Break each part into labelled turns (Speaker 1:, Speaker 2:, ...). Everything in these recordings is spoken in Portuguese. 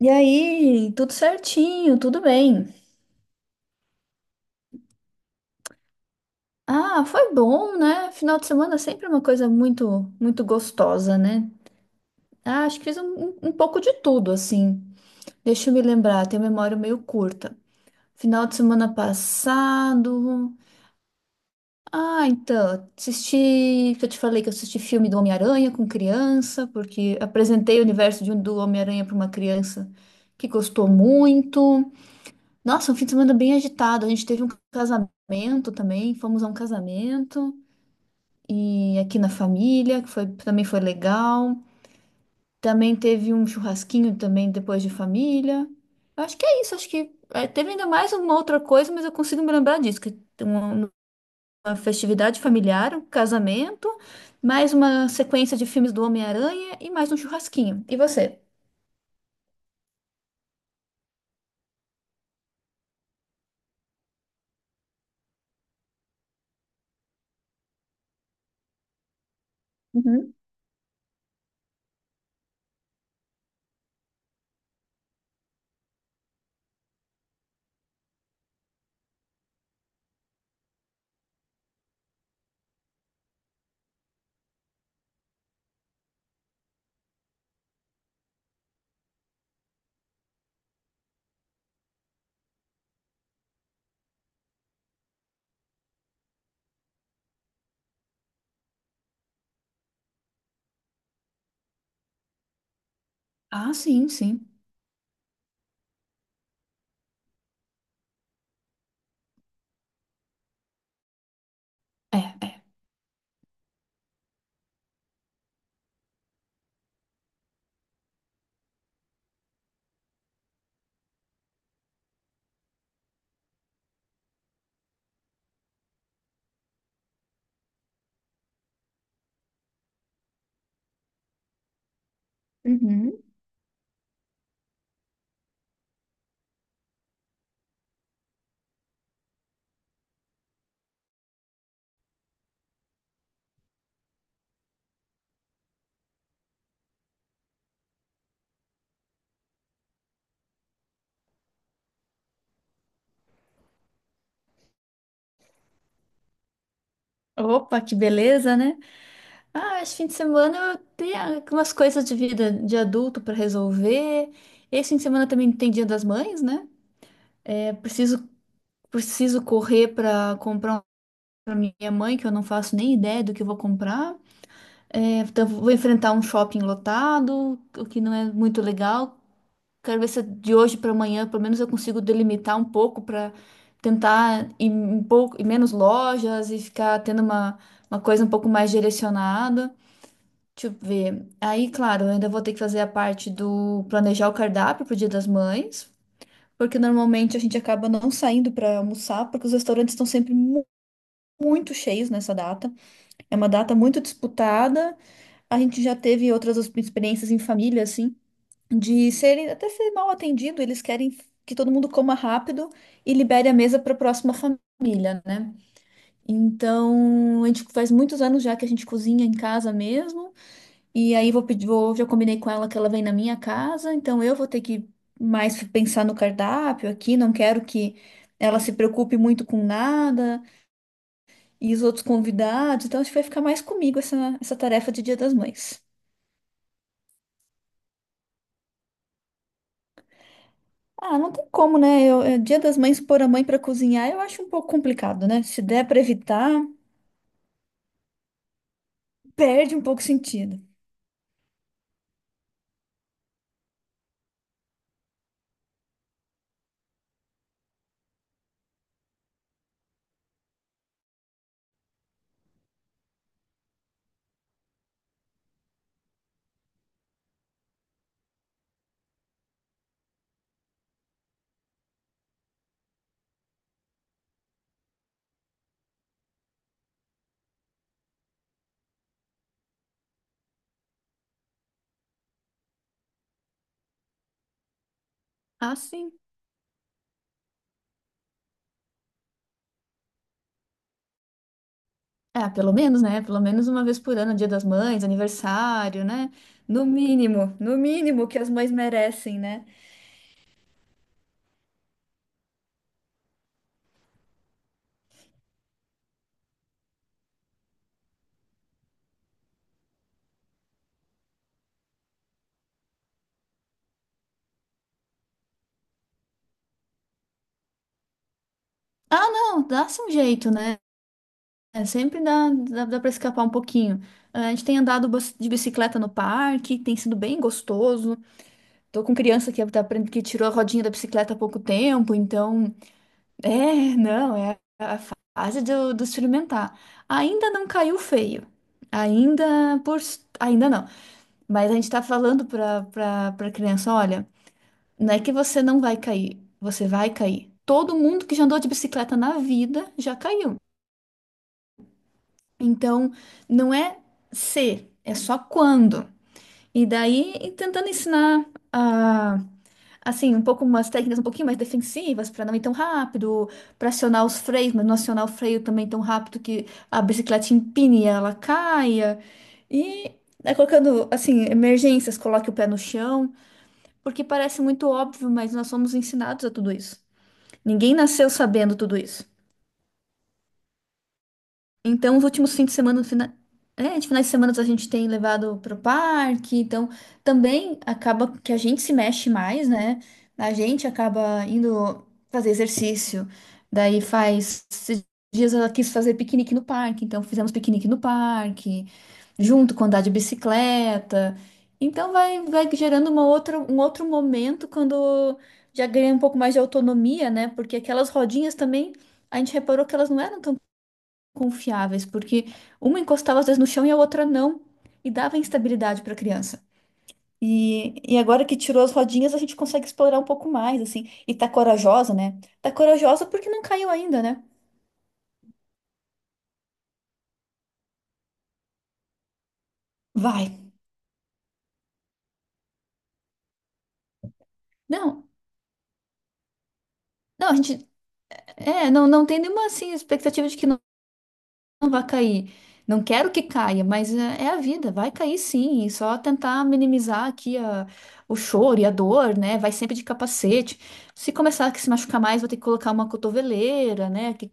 Speaker 1: E aí, tudo certinho, tudo bem. Ah, foi bom, né? Final de semana é sempre uma coisa muito, muito gostosa, né? Ah, acho que fiz um pouco de tudo, assim. Deixa eu me lembrar, tenho memória meio curta. Final de semana passado. Ah, então, assisti. Que Eu te falei que eu assisti filme do Homem-Aranha com criança, porque apresentei o universo de do Homem-Aranha para uma criança que gostou muito. Nossa, um fim de semana bem agitado. A gente teve um casamento também, fomos a um casamento e aqui na família, que foi, também foi legal. Também teve um churrasquinho também depois de família. Eu acho que é isso, acho que é, teve ainda mais uma outra coisa, mas eu consigo me lembrar disso, que tem uma festividade familiar, um casamento, mais uma sequência de filmes do Homem-Aranha e mais um churrasquinho. E você? Uhum. Ah, sim, sim. É, é. Uhum. Opa, que beleza, né? Ah, esse fim de semana eu tenho algumas coisas de vida de adulto para resolver. Esse fim de semana também tem Dia das Mães, né? É, preciso correr para comprar uma minha mãe, que eu não faço nem ideia do que eu vou comprar. É, então vou enfrentar um shopping lotado, o que não é muito legal. Quero ver se de hoje para amanhã, pelo menos eu consigo delimitar um pouco para tentar ir um pouco, ir menos lojas e ficar tendo uma coisa um pouco mais direcionada. Deixa eu ver. Aí, claro, eu ainda vou ter que fazer a parte do planejar o cardápio pro Dia das Mães, porque normalmente a gente acaba não saindo para almoçar, porque os restaurantes estão sempre muito cheios nessa data. É uma data muito disputada. A gente já teve outras experiências em família, assim, de serem até ser mal atendido. Eles querem que todo mundo coma rápido e libere a mesa para a próxima família, né? Então, a gente faz muitos anos já que a gente cozinha em casa mesmo. E aí vou pedir, já combinei com ela que ela vem na minha casa, então eu vou ter que mais pensar no cardápio aqui, não quero que ela se preocupe muito com nada e os outros convidados, então acho que vai ficar mais comigo essa tarefa de Dia das Mães. Ah, não tem como, né? Eu, é, Dia das Mães pôr a mãe pra cozinhar, eu acho um pouco complicado, né? Se der pra evitar, perde um pouco o sentido. Ah, sim. É, pelo menos, né? Pelo menos uma vez por ano, Dia das Mães, aniversário, né? No mínimo, no mínimo que as mães merecem, né? Ah, não, dá-se um jeito, né? É, sempre dá, dá, dá para escapar um pouquinho. Ah, a gente tem andado de bicicleta no parque, tem sido bem gostoso. Tô com criança que, tá, que tirou a rodinha da bicicleta há pouco tempo, então. É, não, é a fase do experimentar. Ainda não caiu feio. Ainda por. Ainda não. Mas a gente tá falando pra criança: olha, não é que você não vai cair, você vai cair. Todo mundo que já andou de bicicleta na vida já caiu. Então, não é se, é só quando. E daí, e tentando ensinar ah, assim, um pouco umas técnicas um pouquinho mais defensivas para não ir tão rápido, para acionar os freios, mas não acionar o freio também tão rápido que a bicicleta empine e ela caia. E né, colocando assim, emergências, coloque o pé no chão, porque parece muito óbvio, mas nós somos ensinados a tudo isso. Ninguém nasceu sabendo tudo isso. Então, os últimos fins de semana, é, de finais de semana a gente tem levado para o parque, então também acaba que a gente se mexe mais, né? A gente acaba indo fazer exercício, daí faz esses dias ela quis fazer piquenique no parque, então fizemos piquenique no parque, junto com andar de bicicleta. Então vai gerando uma outra, um outro momento quando já ganha um pouco mais de autonomia, né? Porque aquelas rodinhas também, a gente reparou que elas não eram tão confiáveis, porque uma encostava às vezes no chão e a outra não, e dava instabilidade para a criança. E agora que tirou as rodinhas, a gente consegue explorar um pouco mais, assim. E tá corajosa, né? Tá corajosa porque não caiu ainda, né? Vai. Não, não, a gente. É, não, não tem nenhuma, assim, expectativa de que não, não vá cair. Não quero que caia, mas é, é a vida, vai cair sim. E só tentar minimizar aqui a, o choro e a dor, né? Vai sempre de capacete. Se começar a se machucar mais, vou ter que colocar uma cotoveleira, né? Que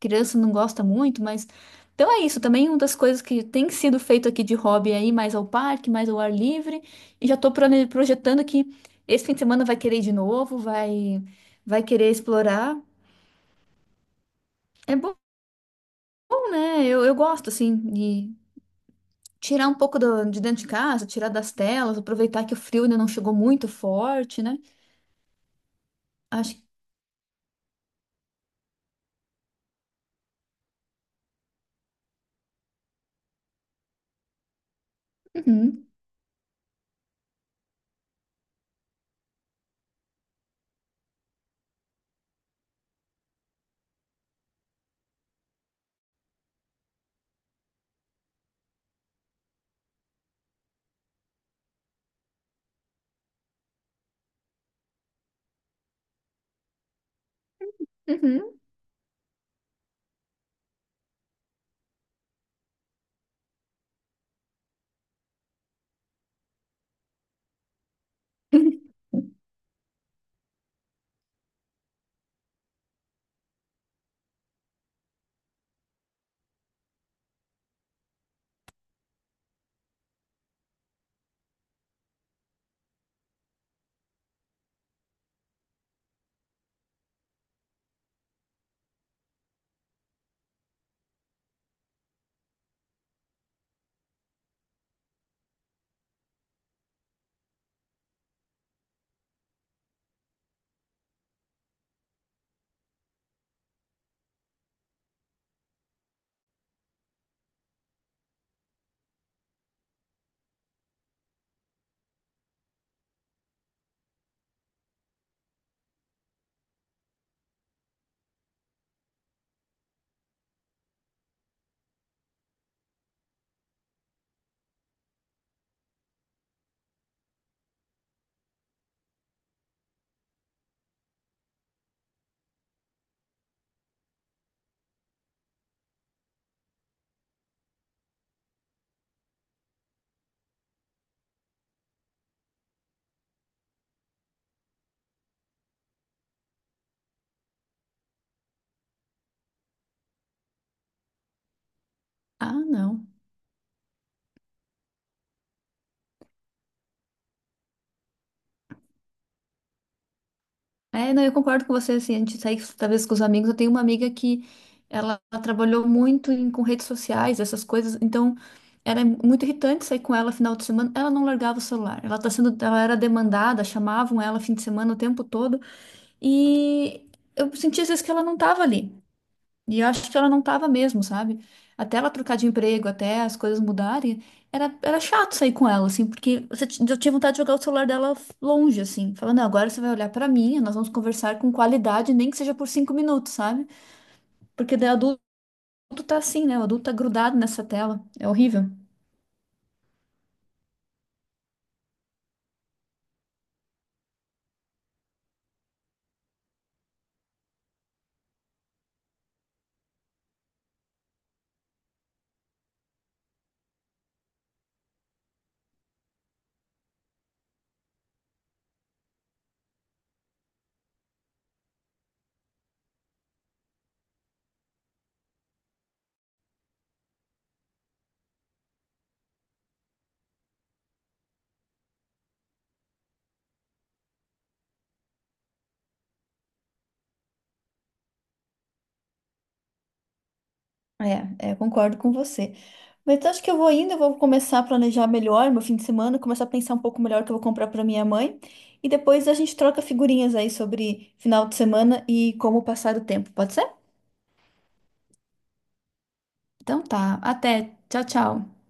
Speaker 1: criança não gosta muito, mas. Então é isso, também uma das coisas que tem sido feito aqui de hobby aí, mais ao parque, mais ao ar livre, e já estou projetando que esse fim de semana vai querer ir de novo, vai querer explorar. É bom, né? Eu gosto, assim, de tirar um pouco de dentro de casa, tirar das telas, aproveitar que o frio ainda não chegou muito forte, né? Acho que. Uhum, uhum. Ah, não. É, não, eu concordo com você, assim, a gente sai talvez com os amigos, eu tenho uma amiga que ela trabalhou muito com redes sociais, essas coisas, então era muito irritante sair com ela final de semana, ela não largava o celular, ela tá sendo, ela era demandada, chamavam ela fim de semana o tempo todo, e eu sentia às vezes que ela não estava ali. E eu acho que ela não tava mesmo, sabe? Até ela trocar de emprego, até as coisas mudarem, era chato sair com ela, assim, porque eu tinha vontade de jogar o celular dela longe, assim, falando, não, agora você vai olhar pra mim, nós vamos conversar com qualidade, nem que seja por 5 minutos, sabe? Porque daí adulto tá assim, né? O adulto tá grudado nessa tela, é horrível. É, é, concordo com você. Mas eu acho que eu vou indo, eu vou começar a planejar melhor meu fim de semana, começar a pensar um pouco melhor o que eu vou comprar para minha mãe. E depois a gente troca figurinhas aí sobre final de semana e como passar o tempo, pode ser? Então tá, até. Tchau, tchau.